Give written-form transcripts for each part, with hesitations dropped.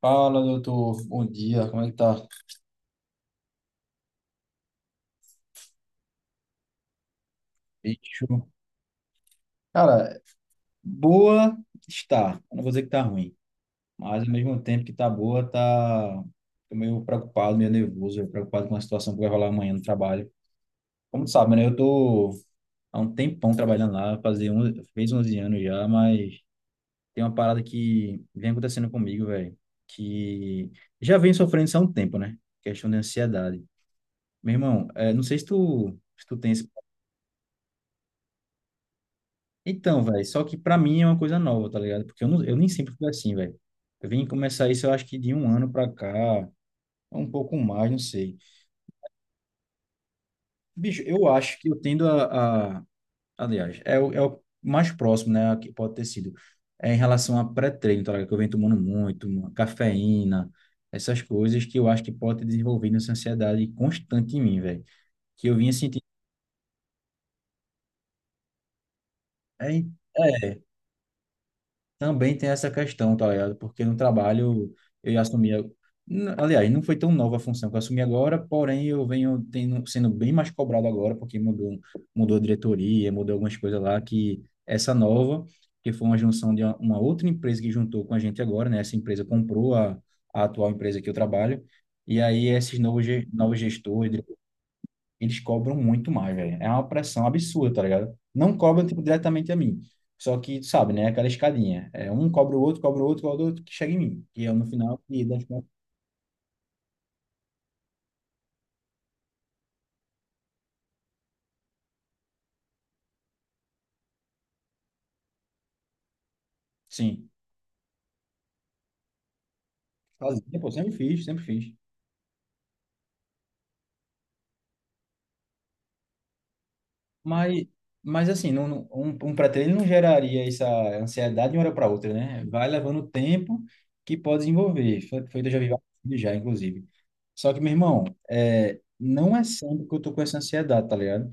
Fala, doutor. Bom dia. Como é que tá? Bicho. Cara, boa está. Eu não vou dizer que tá ruim, mas ao mesmo tempo que tá boa, tá. Tô meio preocupado, meio nervoso, preocupado com a situação que vai rolar amanhã no trabalho. Como tu sabe, né? Eu tô há um tempão trabalhando lá, fez 11 anos já, mas tem uma parada que vem acontecendo comigo, velho, que já vem sofrendo isso há um tempo, né? Questão de ansiedade. Meu irmão, não sei se tu tem esse. Então, velho, só que pra mim é uma coisa nova, tá ligado? Porque eu, não, eu nem sempre fui assim, velho. Eu vim começar isso, eu acho que de um ano pra cá, um pouco mais, não sei. Bicho, eu acho que eu tendo a, a. Aliás, é o, é o mais próximo, né, que pode ter sido, é em relação a pré-treino, tá ligado? Que eu venho tomando muito, uma cafeína, essas coisas que eu acho que pode ter desenvolvido essa ansiedade constante em mim, velho. Que eu vinha sentindo. É, é, também tem essa questão, tá ligado? Porque no trabalho eu já assumia. Aliás, não foi tão nova a função que eu assumi agora, porém eu venho tendo, sendo bem mais cobrado agora, porque mudou, a diretoria, mudou algumas coisas lá, que essa nova, que foi uma junção de uma, outra empresa que juntou com a gente agora, né? Essa empresa comprou a, atual empresa que eu trabalho, e aí esses novos gestores, eles cobram muito mais, velho. É uma pressão absurda, tá ligado? Não cobram, tipo, diretamente a mim. Só que, tu sabe, né? Aquela escadinha. É, um cobra o outro, cobra o outro, cobra o outro, que chega em mim. E eu, no final, e das contas, sim. Fazia, pô, sempre fiz, sempre fiz. Mas, mas assim, um, pré-treino não geraria essa ansiedade de uma hora para outra, né? Vai levando tempo que pode desenvolver. Foi, eu já vi vários vídeos já, inclusive. Só que, meu irmão, não é sempre que eu tô com essa ansiedade, tá ligado?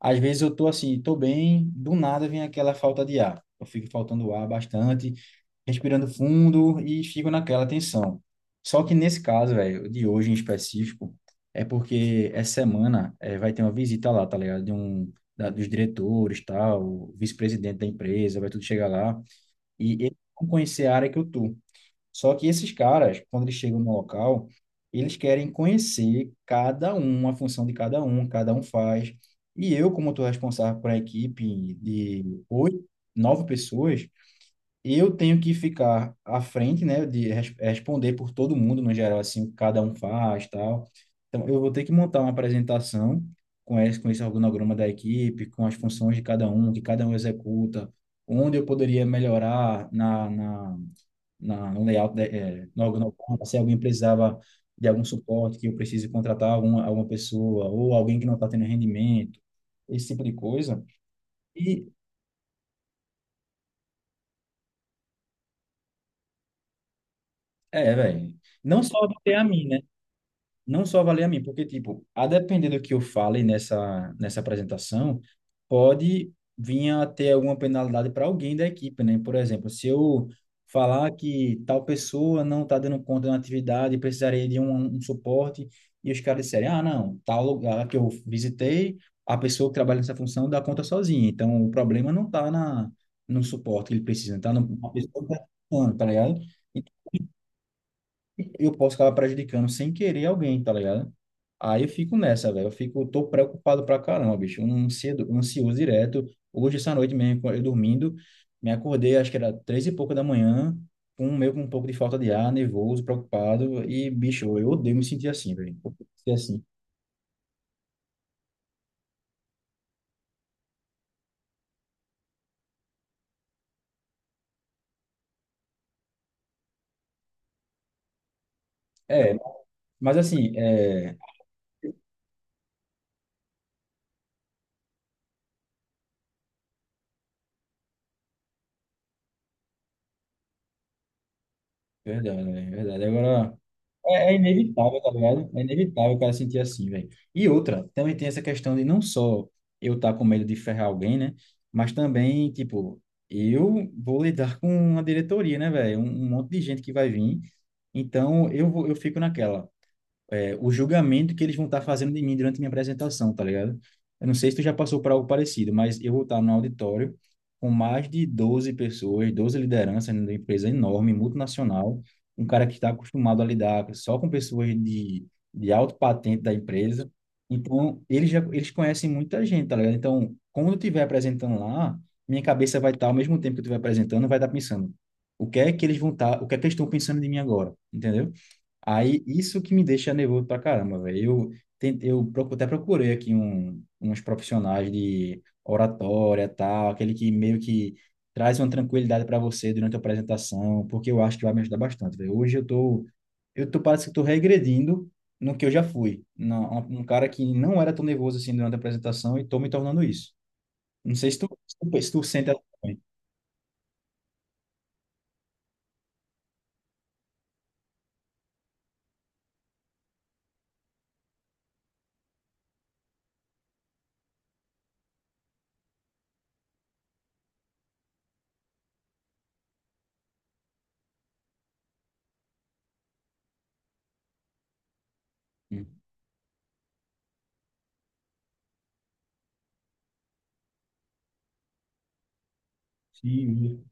Às vezes eu tô assim, tô bem, do nada vem aquela falta de ar. Eu fico faltando ar bastante, respirando fundo e fico naquela tensão. Só que nesse caso, velho, de hoje em específico, é porque essa semana vai ter uma visita lá, tá ligado? De um, da- dos diretores, tal, o vice-presidente da empresa, vai tudo chegar lá. E eles vão conhecer a área que eu tô. Só que esses caras, quando eles chegam no local, eles querem conhecer cada um, a função de cada um faz. E eu, como estou responsável por uma equipe de oito, nove pessoas, eu tenho que ficar à frente, né, de responder por todo mundo, no geral, assim, o que cada um faz, tal. Então, eu vou ter que montar uma apresentação com esse organograma da equipe, com as funções de cada um, que cada um executa, onde eu poderia melhorar na, no layout, né, no organograma, se alguém precisava de algum suporte, que eu precise contratar alguma, pessoa, ou alguém que não está tendo rendimento, esse tipo de coisa. E, velho, não só do TEA não só valer a mim, porque, tipo, a depender do que eu fale nessa, apresentação, pode vir a ter alguma penalidade para alguém da equipe, né? Por exemplo, se eu falar que tal pessoa não está dando conta da atividade, precisaria de um, suporte, e os caras disserem, ah, não, tal lugar que eu visitei, a pessoa que trabalha nessa função dá conta sozinha, então o problema não está na no suporte que ele precisa, está na pessoa que está, tá ligado? Eu posso acabar prejudicando sem querer alguém, tá ligado? Aí eu fico nessa, velho. Eu fico, eu tô preocupado pra caramba, bicho. Um ansioso direto. Hoje, essa noite mesmo, eu dormindo, me acordei, acho que era três e pouca da manhã, com meio com um pouco de falta de ar, nervoso, preocupado. E, bicho, eu odeio me sentir assim, velho. Ser assim. É, mas assim, é. Verdade, é verdade. Agora. É inevitável, tá ligado? É inevitável o cara sentir assim, velho. E outra, também tem essa questão de não só eu estar com medo de ferrar alguém, né? Mas também, tipo, eu vou lidar com uma diretoria, né, velho? Um monte de gente que vai vir. Então, eu fico naquela o julgamento que eles vão estar fazendo de mim durante minha apresentação, tá ligado? Eu não sei se tu já passou por algo parecido, mas eu vou estar no auditório com mais de 12 pessoas, 12 lideranças numa empresa enorme, multinacional, um cara que está acostumado a lidar só com pessoas de alto patente da empresa. Então, eles já eles conhecem muita gente, tá ligado? Então, quando eu estiver apresentando lá, minha cabeça vai estar, ao mesmo tempo que eu estiver apresentando, vai estar pensando o que é que eles vão estar, o que é que eles estão pensando de mim agora, entendeu? Aí, isso que me deixa nervoso pra caramba, velho. Eu, ten- eu procu- até procurei aqui um, uns profissionais de oratória, tal, aquele que meio que traz uma tranquilidade para você durante a apresentação, porque eu acho que vai me ajudar bastante, velho. Hoje parece que eu tô regredindo no que eu já fui. Um cara que não era tão nervoso assim durante a apresentação e tô me tornando isso. Não sei se tu, se tu sente assim. Sim.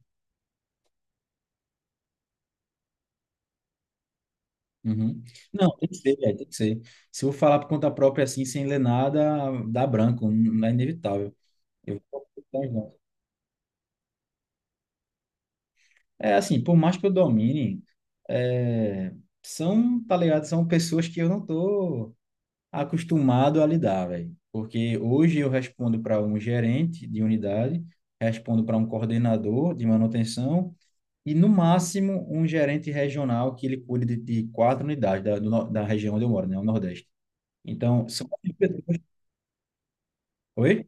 Uhum. Não, tem que ser, velho, tem que ser. Se eu falar por conta própria assim, sem ler nada, dá branco, não é inevitável. Eu vou botar junto. É assim, por mais que eu domine, é, são, tá ligado? São pessoas que eu não tô acostumado a lidar, velho. Porque hoje eu respondo para um gerente de unidade, respondo para um coordenador de manutenção e, no máximo, um gerente regional que ele cuide de quatro unidades da, do no- da região onde eu moro, né? O Nordeste. Então, são. Oi?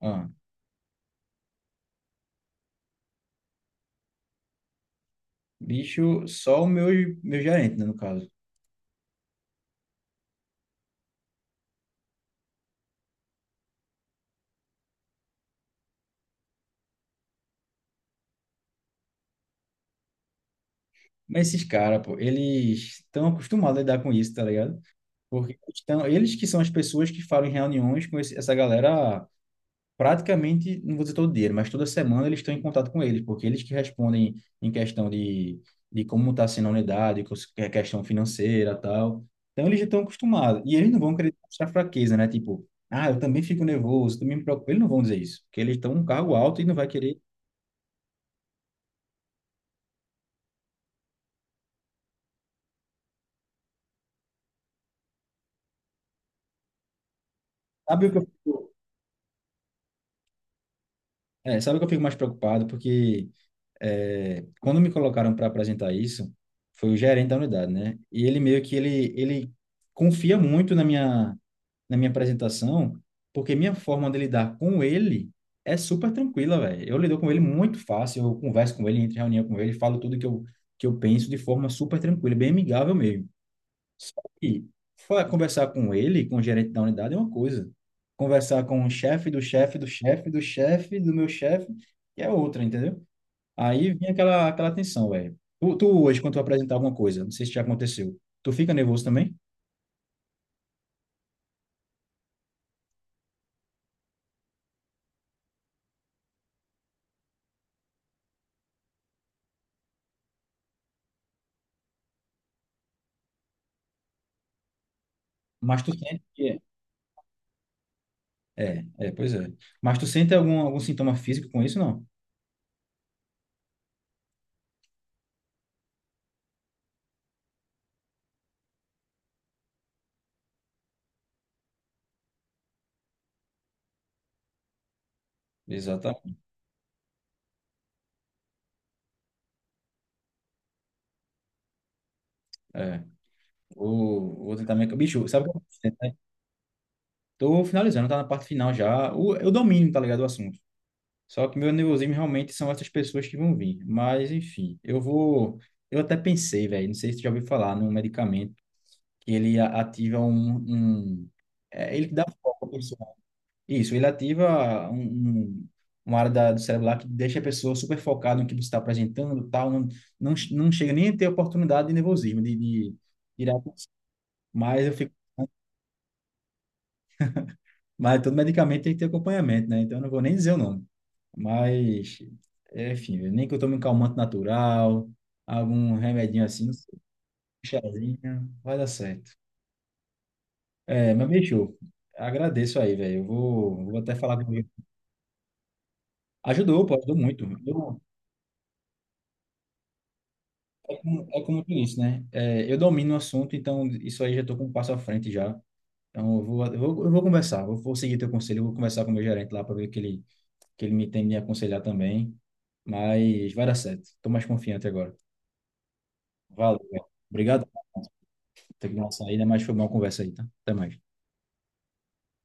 Ah, bicho, só o meu, meu gerente, né, no caso. Mas esses caras, pô, eles estão acostumados a lidar com isso, tá ligado? Porque estão, eles que são as pessoas que falam em reuniões com essa galera praticamente, não vou dizer todo dia, mas toda semana eles estão em contato com eles, porque eles que respondem em questão de como está sendo a unidade, que é questão financeira tal. Então eles já estão acostumados. E eles não vão querer mostrar fraqueza, né? Tipo, ah, eu também fico nervoso, também me preocupo. Eles não vão dizer isso, porque eles estão num cargo alto e não vai querer. Sabe o que eu fico, sabe o que eu fico mais preocupado? Porque quando me colocaram para apresentar isso, foi o gerente da unidade, né? E ele meio que ele confia muito na minha apresentação, porque minha forma de lidar com ele é super tranquila, velho. Eu lido com ele muito fácil, eu converso com ele, entro em reunião com ele, falo tudo que eu penso de forma super tranquila, bem amigável mesmo. Só que conversar com ele, com o gerente da unidade, é uma coisa. Conversar com o chefe do chefe do chefe do chefe do meu chefe, que é outra, entendeu? Aí vinha aquela, aquela tensão, velho. Tu hoje, quando tu apresentar alguma coisa, não sei se já aconteceu, tu fica nervoso também? Mas tu sente que é. É, é, pois é. Mas tu sente algum, algum sintoma físico com isso, não? Exatamente. É. Vou tentar me... Bicho, sabe o que eu tô sentindo, né? Tô finalizando, tá na parte final já. Eu domino, tá ligado, o assunto. Só que meu nervosismo realmente são essas pessoas que vão vir. Mas, enfim, eu vou. Eu até pensei, velho, não sei se tu já ouviu falar num medicamento que ele ativa um. Ele dá um foco à pessoa. Isso, ele ativa um, uma área do cérebro lá que deixa a pessoa super focada no que você está apresentando, tal. Não, não, não chega nem a ter oportunidade de nervosismo, de tirar. Mas eu fico. Mas todo medicamento tem que ter acompanhamento, né? Então eu não vou nem dizer o nome. Mas, enfim, nem que eu tome um calmante natural, algum remedinho assim, um chazinho, vai dar certo. É, mas bicho, agradeço aí, velho. Eu vou até falar comigo. Ajudou, pô, ajudou muito. É como tu disse, né? É, eu domino o assunto, então isso aí já estou com um passo à frente já. Então eu vou conversar, vou seguir teu conselho, eu vou conversar com o meu gerente lá para ver que ele me tem me aconselhar também. Mas vai dar certo. Estou mais confiante agora. Valeu, velho. Obrigado. Tem que lançar aí, né, mas foi uma boa conversa aí, tá? Até mais.